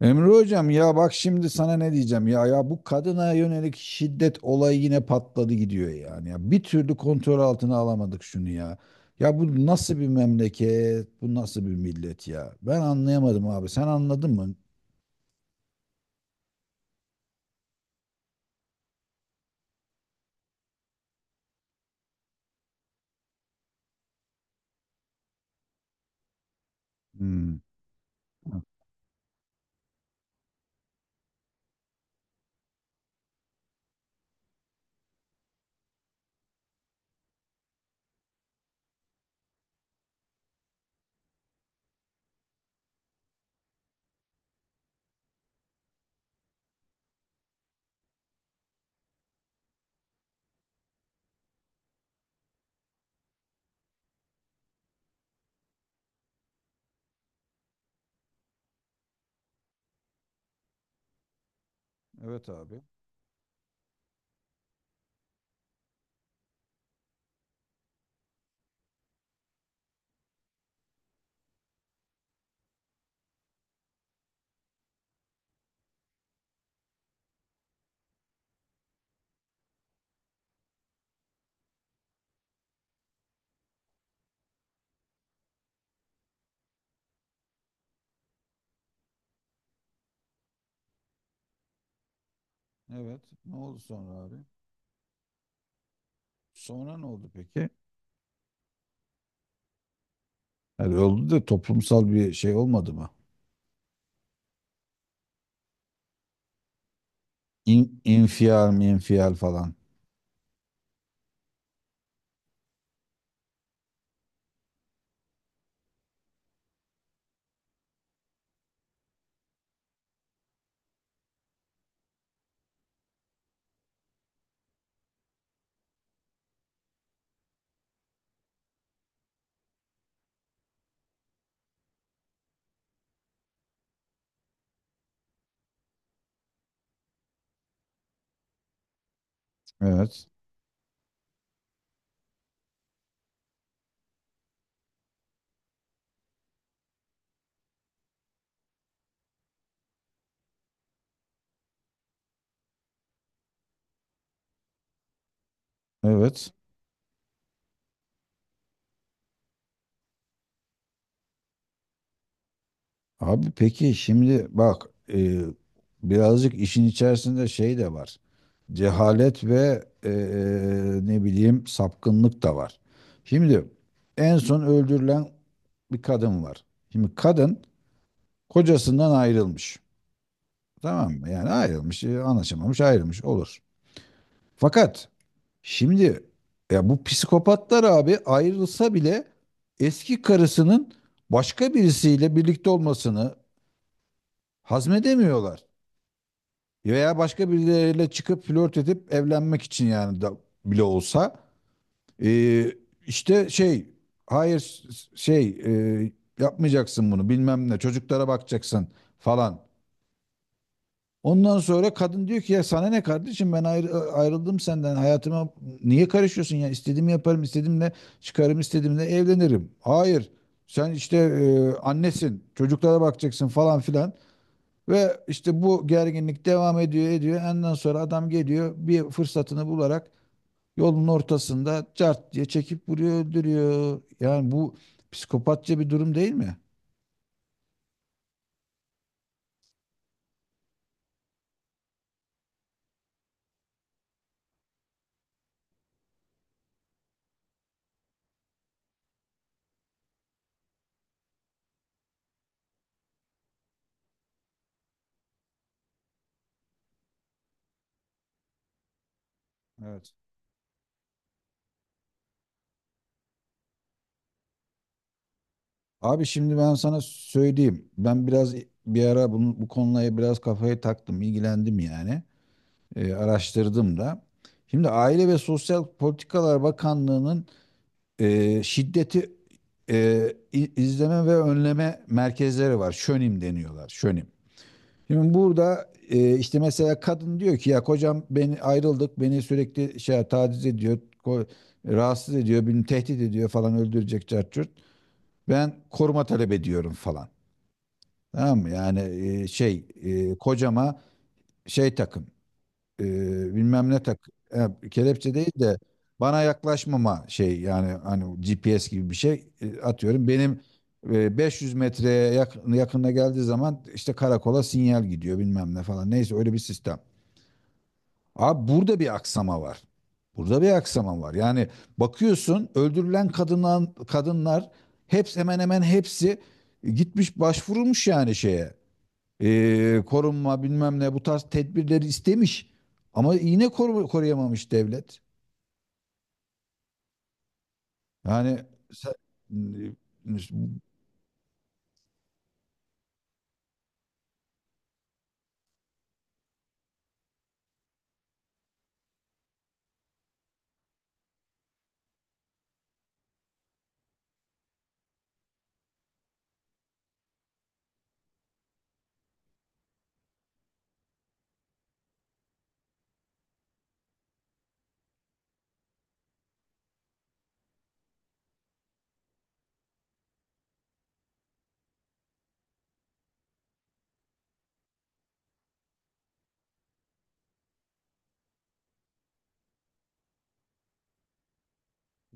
Emre hocam, ya bak şimdi sana ne diyeceğim ya, ya bu kadına yönelik şiddet olayı yine patladı gidiyor yani, ya bir türlü kontrol altına alamadık şunu ya, ya bu nasıl bir memleket, bu nasıl bir millet ya, ben anlayamadım abi, sen anladın mı? Hmm. Evet abi. Evet, ne oldu sonra abi? Sonra ne oldu peki? Yani oldu da toplumsal bir şey olmadı mı? İn, infial mi, infial falan. Evet, evet. Abi peki şimdi bak, e, birazcık işin içerisinde şey de var. Cehalet ve ne bileyim sapkınlık da var. Şimdi en son öldürülen bir kadın var. Şimdi kadın kocasından ayrılmış. Tamam mı? Yani ayrılmış, anlaşamamış, ayrılmış olur. Fakat şimdi ya bu psikopatlar abi ayrılsa bile eski karısının başka birisiyle birlikte olmasını hazmedemiyorlar. Veya başka birileriyle çıkıp flört edip evlenmek için yani da bile olsa Ee, işte şey, hayır şey, e, yapmayacaksın bunu, bilmem ne, çocuklara bakacaksın falan. Ondan sonra kadın diyor ki ya sana ne kardeşim, ben ayrıldım senden, hayatıma niye karışıyorsun ya, istediğimi yaparım, istediğimle çıkarım, istediğimle evlenirim. Hayır, sen işte annesin, çocuklara bakacaksın falan filan. Ve işte bu gerginlik devam ediyor ediyor. Ondan sonra adam geliyor bir fırsatını bularak yolun ortasında cart diye çekip vuruyor, öldürüyor. Yani bu psikopatça bir durum değil mi? Evet. Abi şimdi ben sana söyleyeyim. Ben biraz bir ara bunu, bu konuya biraz kafayı taktım, ilgilendim yani. Araştırdım da. Şimdi Aile ve Sosyal Politikalar Bakanlığı'nın şiddeti izleme ve önleme merkezleri var. Şönim deniyorlar. Şönim. Şimdi burada işte mesela kadın diyor ki ya, kocam beni, ayrıldık, beni sürekli şey taciz ediyor, ko- rahatsız ediyor, beni tehdit ediyor falan, öldürecek cart curt. Ben koruma talep ediyorum falan. Tamam mı? Yani şey kocama şey takın, e, bilmem ne tak, kelepçe değil de bana yaklaşmama şey, yani hani GPS gibi bir şey atıyorum. Benim 500 metreye yakın, yakınına geldiği zaman işte karakola sinyal gidiyor, bilmem ne falan. Neyse öyle bir sistem. Abi burada bir aksama var. Burada bir aksama var. Yani bakıyorsun öldürülen kadınlar, kadınlar, hepsi, hemen hemen hepsi gitmiş, başvurulmuş, yani şeye, korunma bilmem ne bu tarz tedbirleri istemiş. Ama yine koruyamamış devlet. Yani sen- e,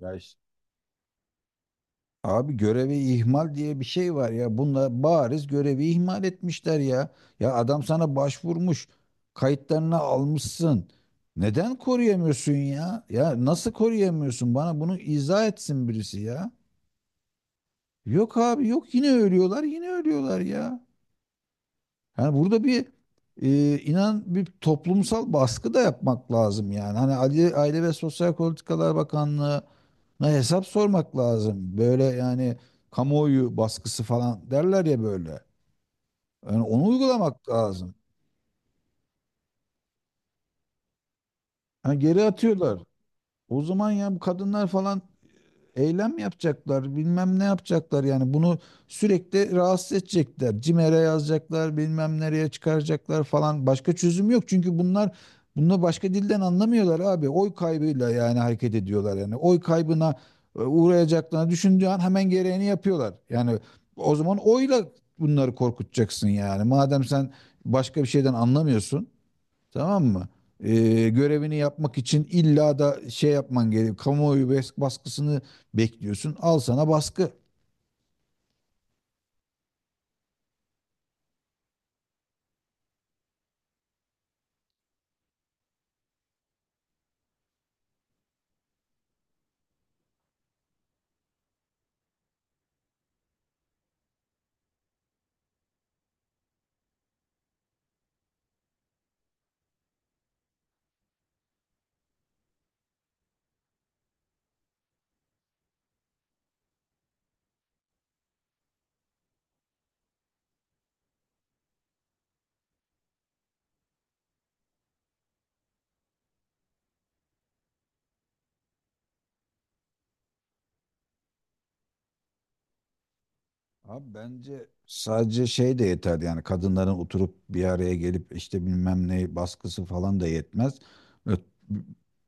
ya işte, abi görevi ihmal diye bir şey var ya. Bunlar bariz görevi ihmal etmişler ya. Ya adam sana başvurmuş. Kayıtlarını almışsın. Neden koruyamıyorsun ya? Ya nasıl koruyamıyorsun? Bana bunu izah etsin birisi ya. Yok abi yok, yine ölüyorlar, yine ölüyorlar ya. Yani burada bir inan bir toplumsal baskı da yapmak lazım yani. Hani Aile ve Sosyal Politikalar Bakanlığı'na hesap sormak lazım. Böyle yani kamuoyu baskısı falan derler ya böyle. Yani onu uygulamak lazım. Yani geri atıyorlar. O zaman ya bu kadınlar falan eylem yapacaklar, bilmem ne yapacaklar yani, bunu sürekli rahatsız edecekler. CİMER'e yazacaklar, bilmem nereye çıkaracaklar falan. Başka çözüm yok çünkü bunlar bunu başka dilden anlamıyorlar abi. Oy kaybıyla yani hareket ediyorlar yani. Oy kaybına uğrayacaklarını düşündüğü an hemen gereğini yapıyorlar. Yani o zaman oyla bunları korkutacaksın yani. Madem sen başka bir şeyden anlamıyorsun. Tamam mı? Görevini yapmak için illa da şey yapman gerekiyor. Kamuoyu baskısını bekliyorsun. Al sana baskı. Abi bence sadece şey de yeterdi yani, kadınların oturup bir araya gelip işte bilmem ne baskısı falan da yetmez. Ö-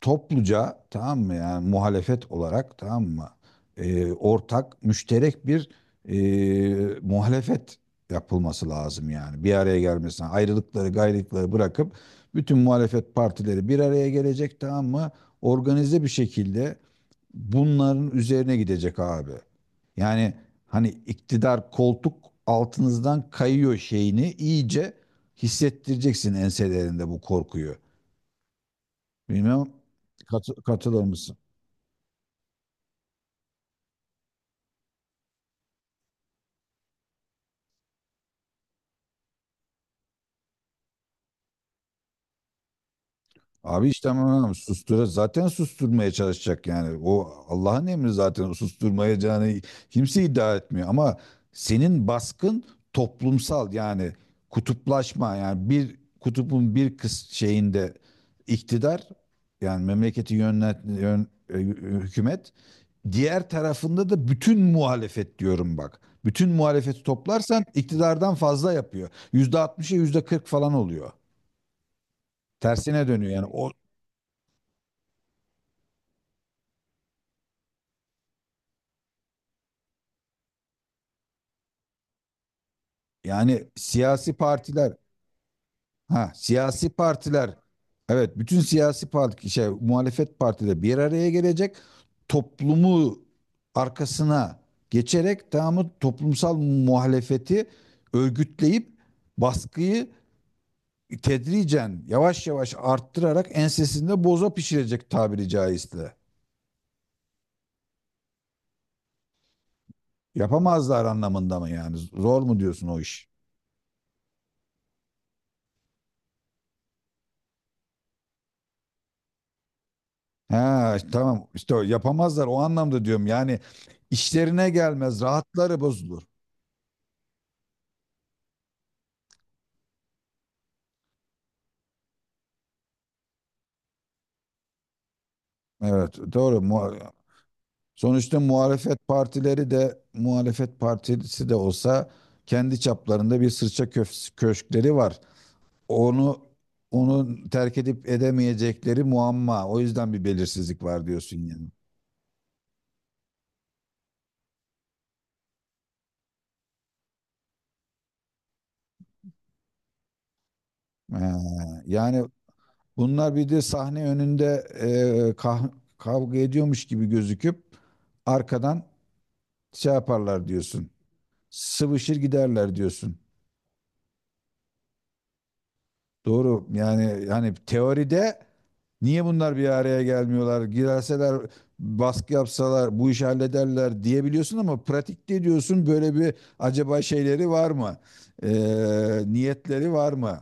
Topluca, tamam mı, yani muhalefet olarak, tamam mı. Ortak müşterek bir muhalefet yapılması lazım yani, bir araya gelmesine ayrılıkları gayrılıkları bırakıp bütün muhalefet partileri bir araya gelecek, tamam mı, organize bir şekilde bunların üzerine gidecek abi. Yani hani iktidar, koltuk altınızdan kayıyor şeyini iyice hissettireceksin enselerinde bu korkuyu. Bilmem katılır mısın? Abi işte ama sustur, zaten susturmaya çalışacak yani. O Allah'ın emri zaten, o susturmayacağını kimse iddia etmiyor ama senin baskın toplumsal yani kutuplaşma, yani bir kutubun bir kız şeyinde iktidar, yani memleketi hükümet, diğer tarafında da bütün muhalefet diyorum bak. Bütün muhalefeti toplarsan iktidardan fazla yapıyor. %60'a %40 falan oluyor. Tersine dönüyor yani. O, yani siyasi partiler, ha siyasi partiler, evet bütün siyasi parti, şey muhalefet partileri bir araya gelecek, toplumu arkasına geçerek tamamı toplumsal muhalefeti örgütleyip baskıyı tedricen yavaş yavaş arttırarak ensesinde boza pişirecek, tabiri caizse. Yapamazlar anlamında mı yani? Zor mu diyorsun o iş? Ha, tamam işte o yapamazlar o anlamda diyorum yani, işlerine gelmez, rahatları bozulur. Evet doğru. Sonuçta muhalefet partileri de, muhalefet partisi de olsa kendi çaplarında bir sırça köşkleri var. Onu onu terk edip edemeyecekleri muamma, o yüzden bir belirsizlik var diyorsun yani. Ha, yani bunlar bir de sahne önünde e, kah- kavga ediyormuş gibi gözüküp arkadan şey yaparlar diyorsun. Sıvışır giderler diyorsun. Doğru. Yani hani teoride niye bunlar bir araya gelmiyorlar? Girerseler baskı yapsalar bu işi hallederler diyebiliyorsun ama pratikte diyorsun böyle bir acaba şeyleri var mı? Ee, niyetleri var mı?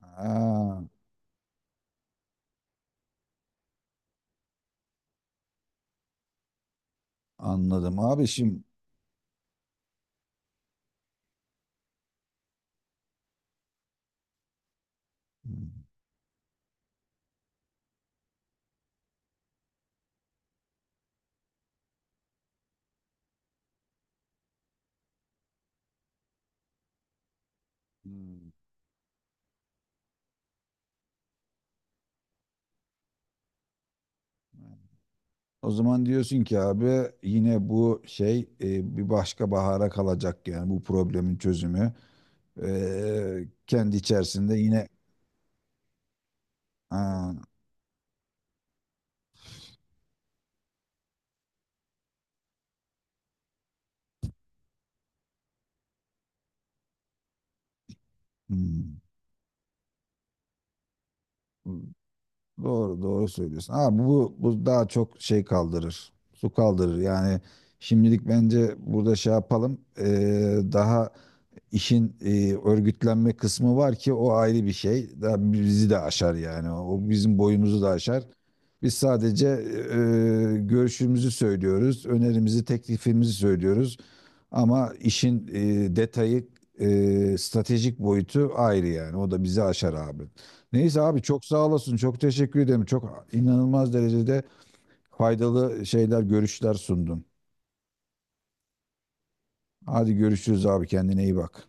Ha, anladım abi şimdi. O zaman diyorsun ki abi yine bu şey bir başka bahara kalacak yani bu problemin çözümü. Kendi içerisinde yine, aa, hmm, doğru, doğru söylüyorsun. Ama bu, bu daha çok şey kaldırır. Su kaldırır. Yani şimdilik bence burada şey yapalım. Daha işin örgütlenme kısmı var ki o ayrı bir şey. Daha bizi de aşar yani. O bizim boyumuzu da aşar. Biz sadece görüşümüzü söylüyoruz, önerimizi, teklifimizi söylüyoruz. Ama işin detayı, stratejik boyutu ayrı yani. O da bizi aşar abi. Neyse abi çok sağ olasın. Çok teşekkür ederim. Çok inanılmaz derecede faydalı şeyler, görüşler sundun. Hadi görüşürüz abi. Kendine iyi bak.